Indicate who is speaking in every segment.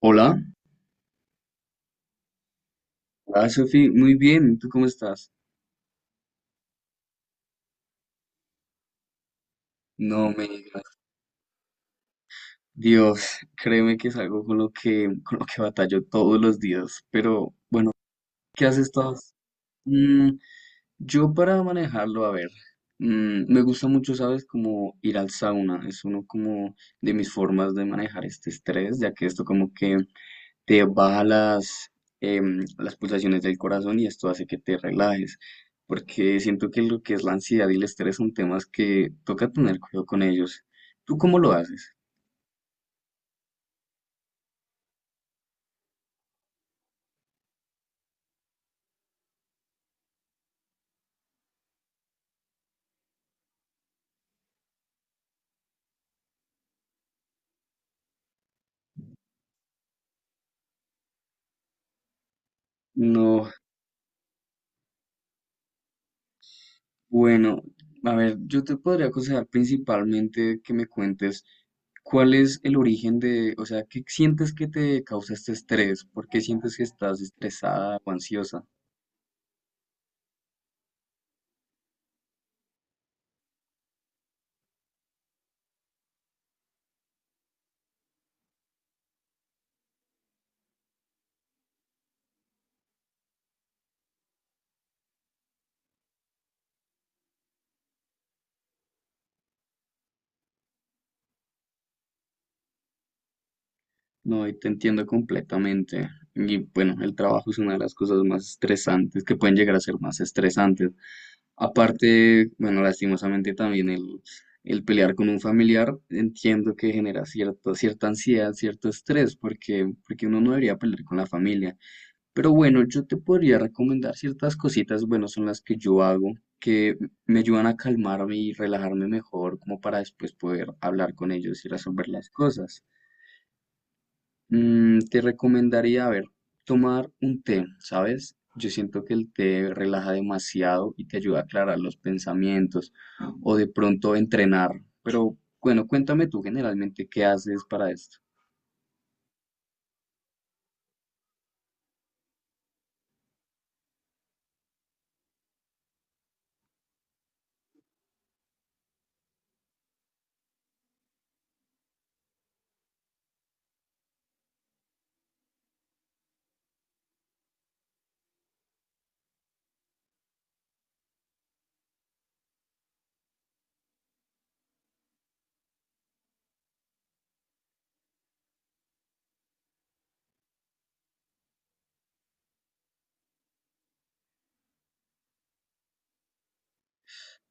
Speaker 1: Hola, hola Sofi, muy bien, ¿tú cómo estás? No me digas. Dios, créeme que es algo con lo que batallo todos los días, pero ¿qué has estado? Mm, yo para manejarlo, a ver, me gusta mucho, ¿sabes? Como ir al sauna, es uno como de mis formas de manejar este estrés, ya que esto como que te baja las, las pulsaciones del corazón y esto hace que te relajes, porque siento que lo que es la ansiedad y el estrés son temas que toca tener cuidado con ellos. ¿Tú cómo lo haces? No, bueno, a ver, yo te podría aconsejar principalmente que me cuentes cuál es el origen de, o sea, ¿qué sientes que te causa este estrés? ¿Por qué sientes que estás estresada o ansiosa? No, y te entiendo completamente. Y bueno, el trabajo es una de las cosas más estresantes, que pueden llegar a ser más estresantes. Aparte, bueno, lastimosamente también el pelear con un familiar, entiendo que genera cierta, cierta ansiedad, cierto estrés, porque uno no debería pelear con la familia. Pero bueno, yo te podría recomendar ciertas cositas, bueno, son las que yo hago, que me ayudan a calmarme y relajarme mejor, como para después poder hablar con ellos y resolver las cosas. Mm, te recomendaría, a ver, tomar un té, ¿sabes? Yo siento que el té relaja demasiado y te ayuda a aclarar los pensamientos o de pronto entrenar. Pero bueno, cuéntame tú generalmente qué haces para esto.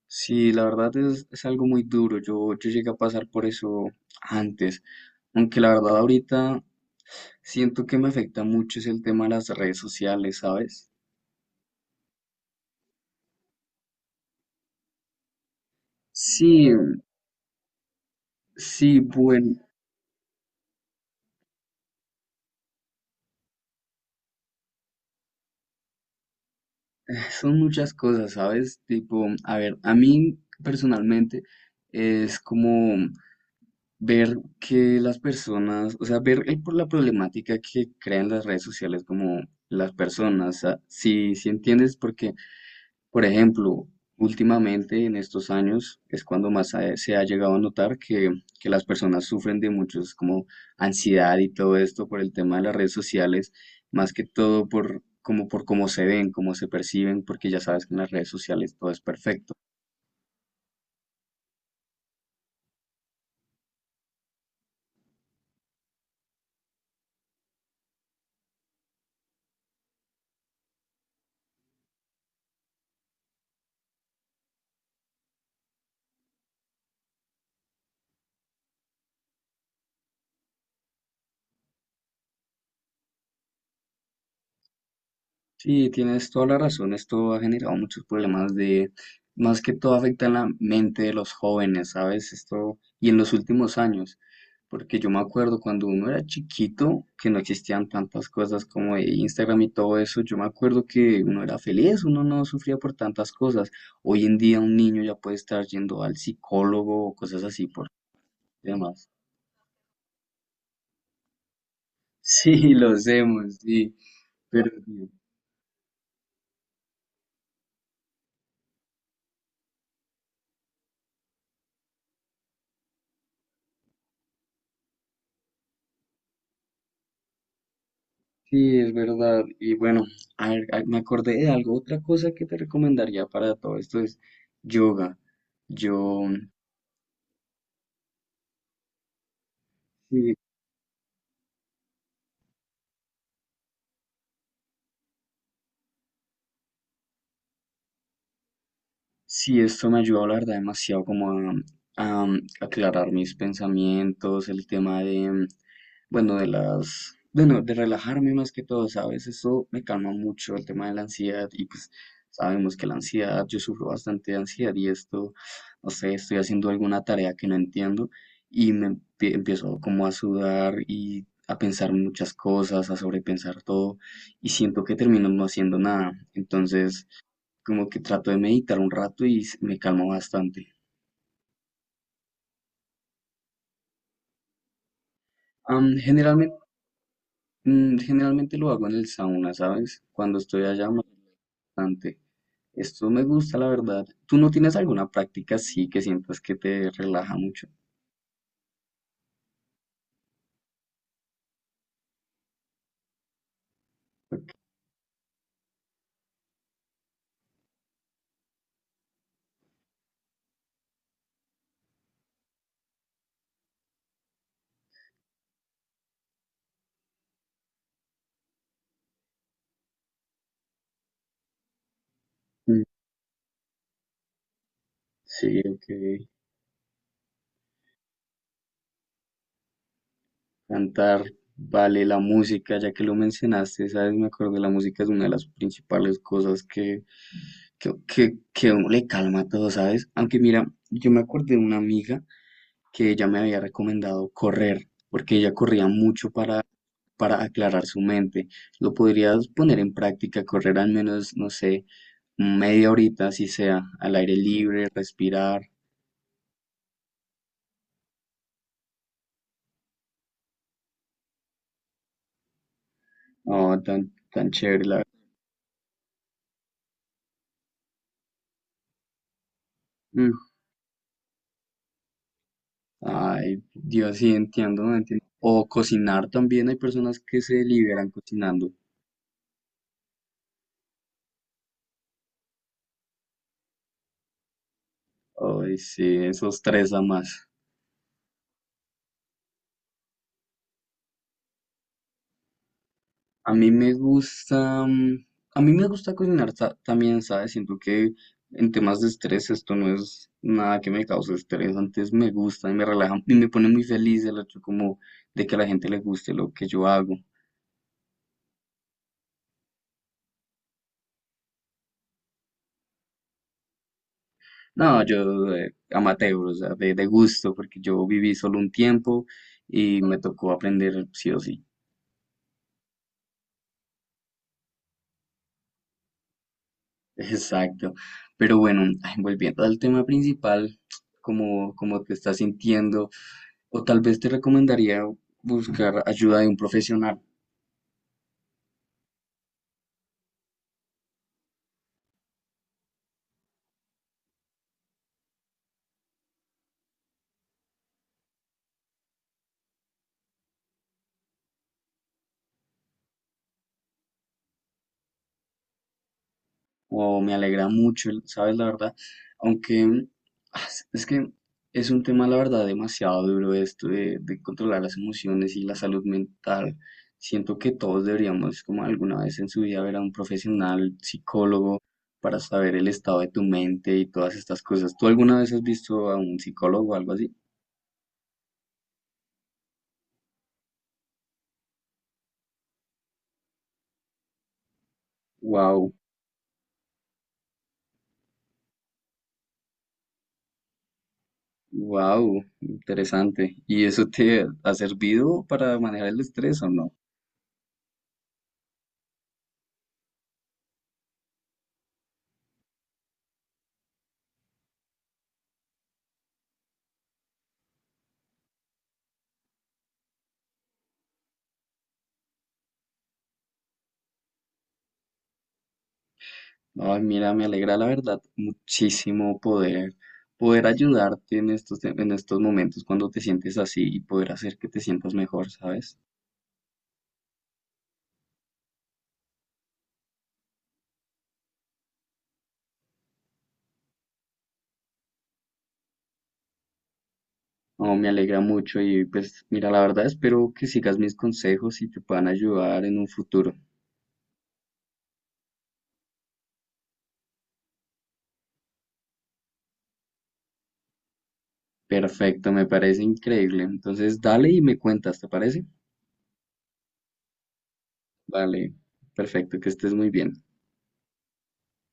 Speaker 1: Sí, la verdad es algo muy duro. Yo llegué a pasar por eso antes, aunque la verdad ahorita siento que me afecta mucho es el tema de las redes sociales, ¿sabes? Sí, sí, bueno. Son muchas cosas, ¿sabes? Tipo, a ver, a mí personalmente es como ver que las personas, o sea, por la problemática que crean las redes sociales como las personas, o sea, si entiendes, porque por ejemplo, últimamente en estos años es cuando más se ha llegado a notar que las personas sufren de muchos como ansiedad y todo esto por el tema de las redes sociales, más que todo por como por cómo se ven, cómo se perciben, porque ya sabes que en las redes sociales todo es perfecto. Sí, tienes toda la razón. Esto ha generado muchos problemas de, más que todo afecta en la mente de los jóvenes, ¿sabes? Esto, y en los últimos años, porque yo me acuerdo cuando uno era chiquito, que no existían tantas cosas como de Instagram y todo eso, yo me acuerdo que uno era feliz, uno no sufría por tantas cosas. Hoy en día un niño ya puede estar yendo al psicólogo o cosas así por temas. Sí, lo hacemos, sí, pero... sí. Sí, es verdad. Y bueno, a ver, me acordé de algo. Otra cosa que te recomendaría para todo esto es yoga. Yo, sí, sí, esto me ayudó, la verdad, demasiado como a aclarar mis pensamientos, el tema de, bueno, de las, bueno, de relajarme más que todo, ¿sabes? Eso me calma mucho el tema de la ansiedad y pues sabemos que la ansiedad, yo sufro bastante de ansiedad y esto, no sé, estoy haciendo alguna tarea que no entiendo y empiezo como a sudar y a pensar muchas cosas, a sobrepensar todo y siento que termino no haciendo nada. Entonces, como que trato de meditar un rato y me calmo bastante. Am, generalmente, generalmente lo hago en el sauna, ¿sabes? Cuando estoy allá bastante. Esto me gusta, la verdad. ¿Tú no tienes alguna práctica así que sientas que te relaja mucho? Mm, sí, ok. Cantar, vale, la música, ya que lo mencionaste, sabes, me acordé, la música es una de las principales cosas que, que a uno le calma todo, ¿sabes? Aunque mira, yo me acordé de una amiga que ella me había recomendado correr, porque ella corría mucho para aclarar su mente. Lo podrías poner en práctica, correr al menos, no sé, media horita, si sea, al aire libre, respirar. Oh, tan, tan chévere, la verdad. Mm. Ay, Dios, sí, entiendo, no entiendo. O cocinar también, hay personas que se liberan cocinando. Ay, sí, eso estresa más. A mí me gusta, a mí me gusta cocinar también, ¿sabes? Siento que en temas de estrés esto no es nada que me cause estrés, antes me gusta y me relaja y me pone muy feliz el hecho como de que a la gente le guste lo que yo hago. No, yo amateur, o sea, de gusto, porque yo viví solo un tiempo y me tocó aprender sí o sí. Exacto. Pero bueno, ay, volviendo al tema principal, como, como te estás sintiendo, o tal vez te recomendaría buscar ayuda de un profesional. O me alegra mucho, ¿sabes? La verdad, aunque ah, es que es un tema, la verdad, demasiado duro esto de controlar las emociones y la salud mental. Siento que todos deberíamos, como alguna vez en su vida, ver a un profesional, psicólogo, para saber el estado de tu mente y todas estas cosas. ¿Tú alguna vez has visto a un psicólogo o algo así? Wow, wow, interesante. ¿Y eso te ha servido para manejar el estrés o no? Ay, mira, me alegra la verdad muchísimo poder, poder ayudarte en estos, en estos momentos cuando te sientes así y poder hacer que te sientas mejor, ¿sabes? No, me alegra mucho y pues mira, la verdad espero que sigas mis consejos y te puedan ayudar en un futuro. Perfecto, me parece increíble. Entonces, dale y me cuentas, ¿te parece? Vale, perfecto, que estés muy bien.